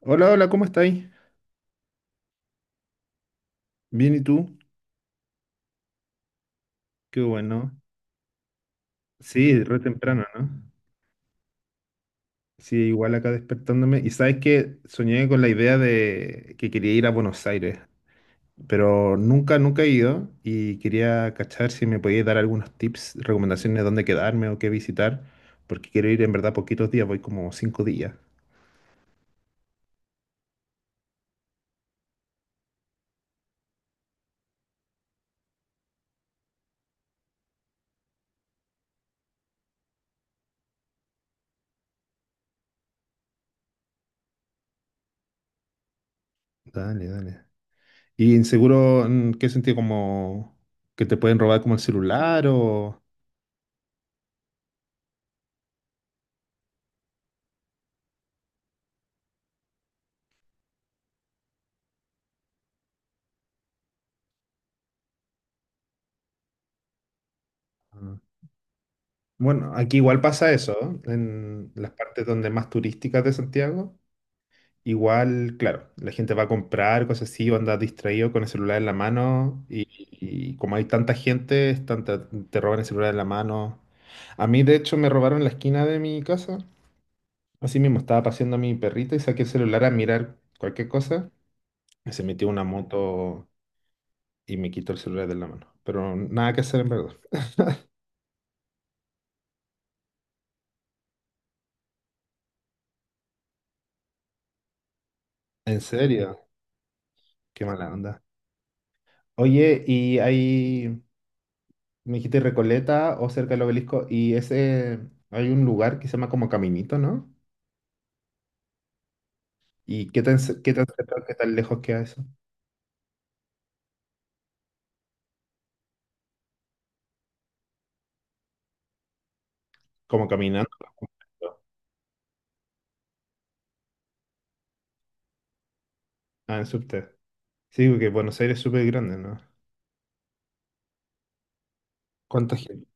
Hola, hola, ¿cómo estáis? Bien, ¿y tú? Qué bueno. Sí, re temprano, ¿no? Sí, igual acá despertándome. Y sabes que soñé con la idea de que quería ir a Buenos Aires, pero nunca, nunca he ido y quería cachar si me podías dar algunos tips, recomendaciones de dónde quedarme o qué visitar, porque quiero ir en verdad poquitos días, voy como 5 días. Dale, dale. ¿Y inseguro en qué sentido? ¿Como que te pueden robar como el celular o...? Ah. Bueno, aquí igual pasa eso, ¿eh? En las partes donde más turísticas de Santiago, igual, claro, la gente va a comprar cosas así o anda distraído con el celular en la mano y como hay tanta gente, te roban el celular en la mano. A mí, de hecho, me robaron en la esquina de mi casa. Así mismo, estaba paseando a mi perrita y saqué el celular a mirar cualquier cosa. Y Se metió una moto y me quitó el celular de la mano. Pero nada que hacer en verdad. En serio, qué mala onda. Oye, me dijiste Recoleta o cerca del obelisco, hay un lugar que se llama como Caminito, ¿no? ¿Y qué tan cerca, qué tan lejos queda eso? Como caminando. Ah, en subte. Sí, porque Buenos Aires es súper grande, ¿no? ¿Cuánta gente?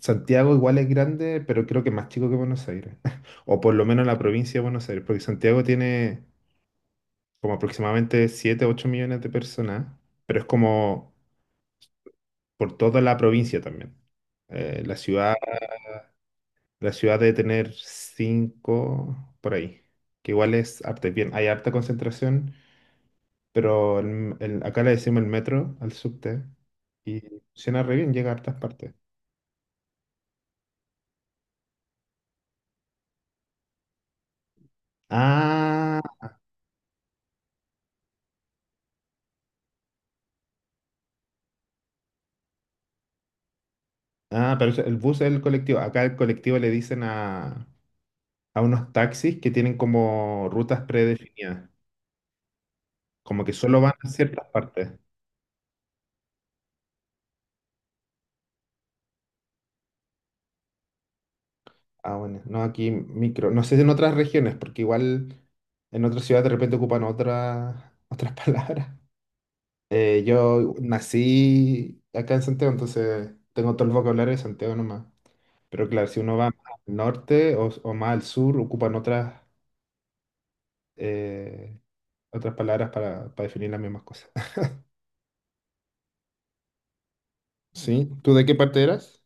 Santiago igual es grande, pero creo que más chico que Buenos Aires. O por lo menos la provincia de Buenos Aires, porque Santiago tiene como aproximadamente 7 8 millones de personas, pero es como por toda la provincia también. Eh, la ciudad, la ciudad debe tener 5 por ahí, que igual es harta, bien, hay harta concentración, pero acá le decimos el metro al subte y funciona re bien, llega a hartas partes. Ah, ah, pero el bus es el colectivo. Acá el colectivo le dicen a unos taxis que tienen como rutas predefinidas, como que solo van a ciertas partes. Ah, bueno, no, aquí micro. No sé si en otras regiones, porque igual en otras ciudades de repente ocupan otras palabras. Yo nací acá en Santiago, entonces tengo todo el vocabulario de Santiago nomás. Pero claro, si uno va más al norte o más al sur, ocupan eh, otras palabras para definir las mismas cosas. ¿Sí? ¿Tú de qué parte eras?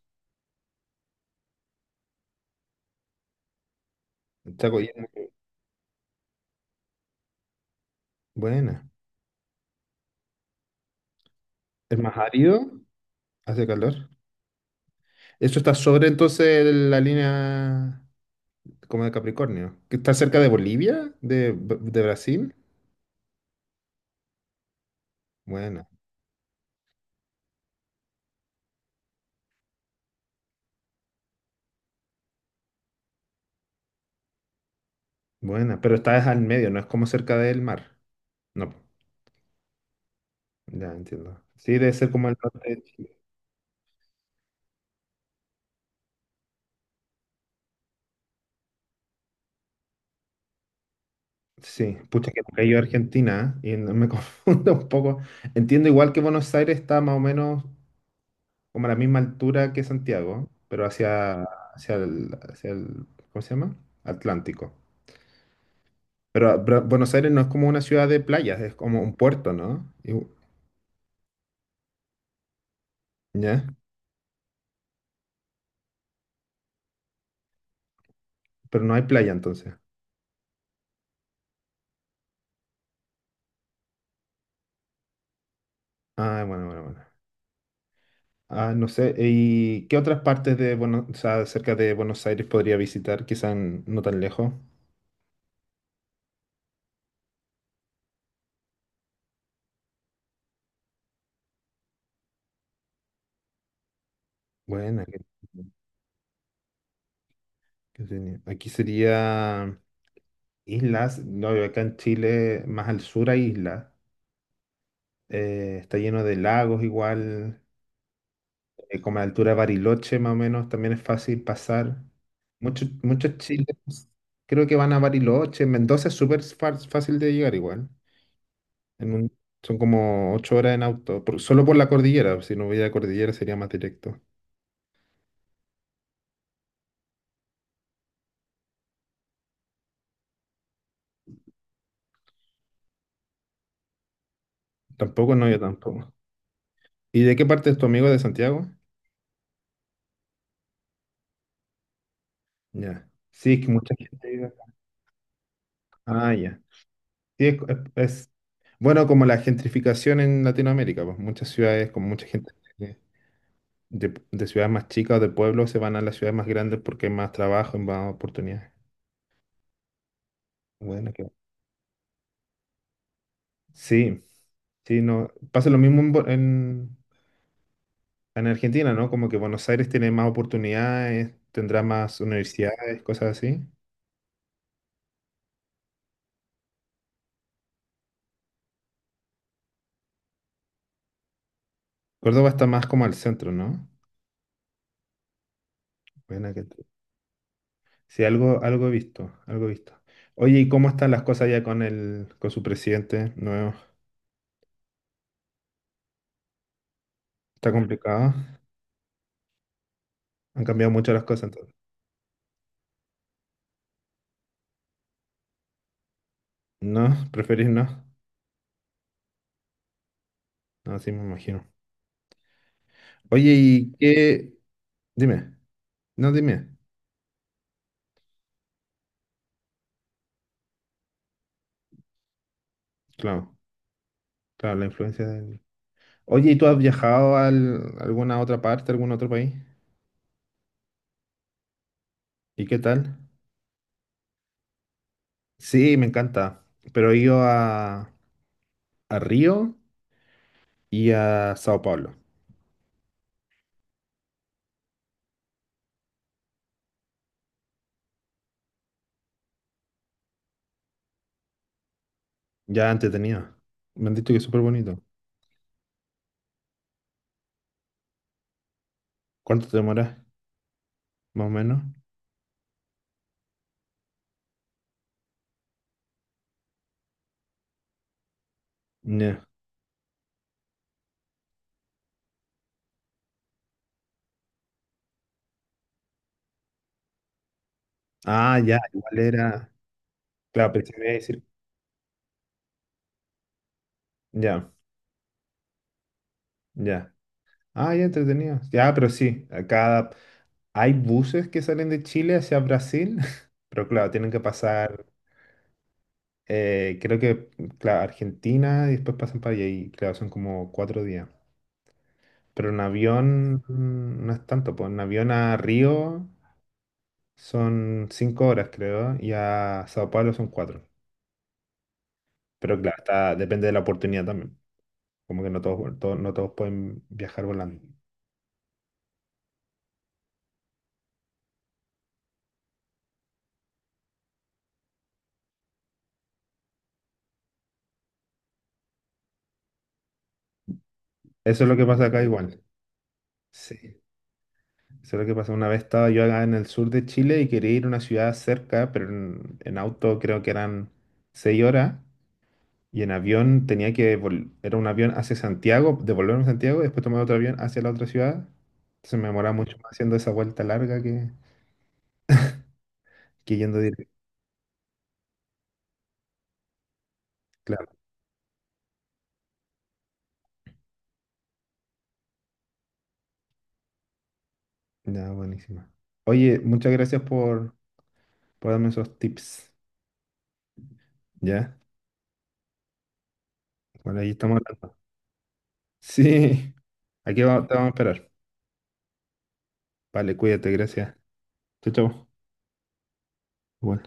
Chacoyana. Buena. ¿Es más árido? ¿Hace calor? ¿Eso está sobre entonces la línea como de Capricornio, que está cerca de Bolivia, de Brasil? Buena, buena, pero está es al medio, no es como cerca del mar. No, ya entiendo. Sí, debe ser como el norte de Chile. Sí, pucha que nunca he ido a Argentina, ¿eh? Me confundo un poco. Entiendo igual que Buenos Aires está más o menos como a la misma altura que Santiago, pero hacia el, ¿cómo se llama? Atlántico. Pero Buenos Aires no es como una ciudad de playas, es como un puerto, ¿no? ¿Ya? Pero no hay playa entonces. Ah, bueno, bueno, bueno. Ah, no sé, ¿y qué otras partes de Buenos, o sea, cerca de Buenos Aires podría visitar? Quizás no tan lejos. Bueno, qué genial. Aquí sería islas, no, y acá en Chile, más al sur hay islas. Está lleno de lagos igual, como a la altura de Bariloche más o menos, también es fácil pasar. Muchos, muchos chilenos creo que van a Bariloche, Mendoza es súper fácil de llegar igual. En un- Son como 8 horas en auto, solo por la cordillera. Si no hubiera cordillera sería más directo. Tampoco, no, yo tampoco. ¿Y de qué parte es tu amigo de Santiago? Ya. Sí, es que mucha gente vive acá. Ah, ya. Sí, bueno, como la gentrificación en Latinoamérica, pues muchas ciudades con mucha gente de, de ciudades más chicas o de pueblos se van a las ciudades más grandes porque hay más trabajo y más oportunidades. Bueno, sí, sí, no. Pasa lo mismo en, Bo- en Argentina, ¿no? Como que Buenos Aires tiene más oportunidades, tendrá más universidades, cosas así. Córdoba está más como al centro, ¿no? Buena que tú. Sí, algo, algo he visto, algo he visto. Oye, ¿y cómo están las cosas ya con con su presidente nuevo? ¿Está complicado? Han cambiado mucho las cosas entonces. ¿No? ¿Preferís no? No, sí me imagino. Oye, ¿y qué? Dime. No, dime. Claro, claro, la influencia del... Oye, ¿y tú has viajado a alguna otra parte, algún otro país? ¿Y qué tal? Sí, me encanta. Pero he ido a Río y a Sao Paulo. Ya entretenido. Me han dicho que es súper bonito. ¿Cuánto te demoras? Más o menos. Ya. Ah, ya, igual era. Claro, pensé que me iba a decir. Ya, ya. Ah, ya entretenido. Ya, pero sí. Acá hay buses que salen de Chile hacia Brasil. Pero claro, tienen que pasar. Creo que, claro, Argentina y después pasan para allá. Y claro, son como 4 días. Pero en avión no es tanto, pues en avión a Río son 5 horas, creo, y a Sao Paulo son cuatro. Pero claro, depende de la oportunidad también. Como que no todos, no todos pueden viajar volando. Eso es lo que pasa acá igual. Sí. Eso es lo que pasa. Una vez estaba yo acá en el sur de Chile y quería ir a una ciudad cerca, pero en auto creo que eran 6 horas. Y en avión tenía era un avión hacia Santiago, devolverme a Santiago y después tomar otro avión hacia la otra ciudad. Entonces me demoraba mucho más haciendo esa vuelta larga que yendo directo. Claro, ya, buenísima. Oye, muchas gracias por darme esos tips. ¿Ya? Bueno, ahí estamos hablando. Sí, aquí te vamos a esperar. Vale, cuídate, gracias. Chau, chau. Igual.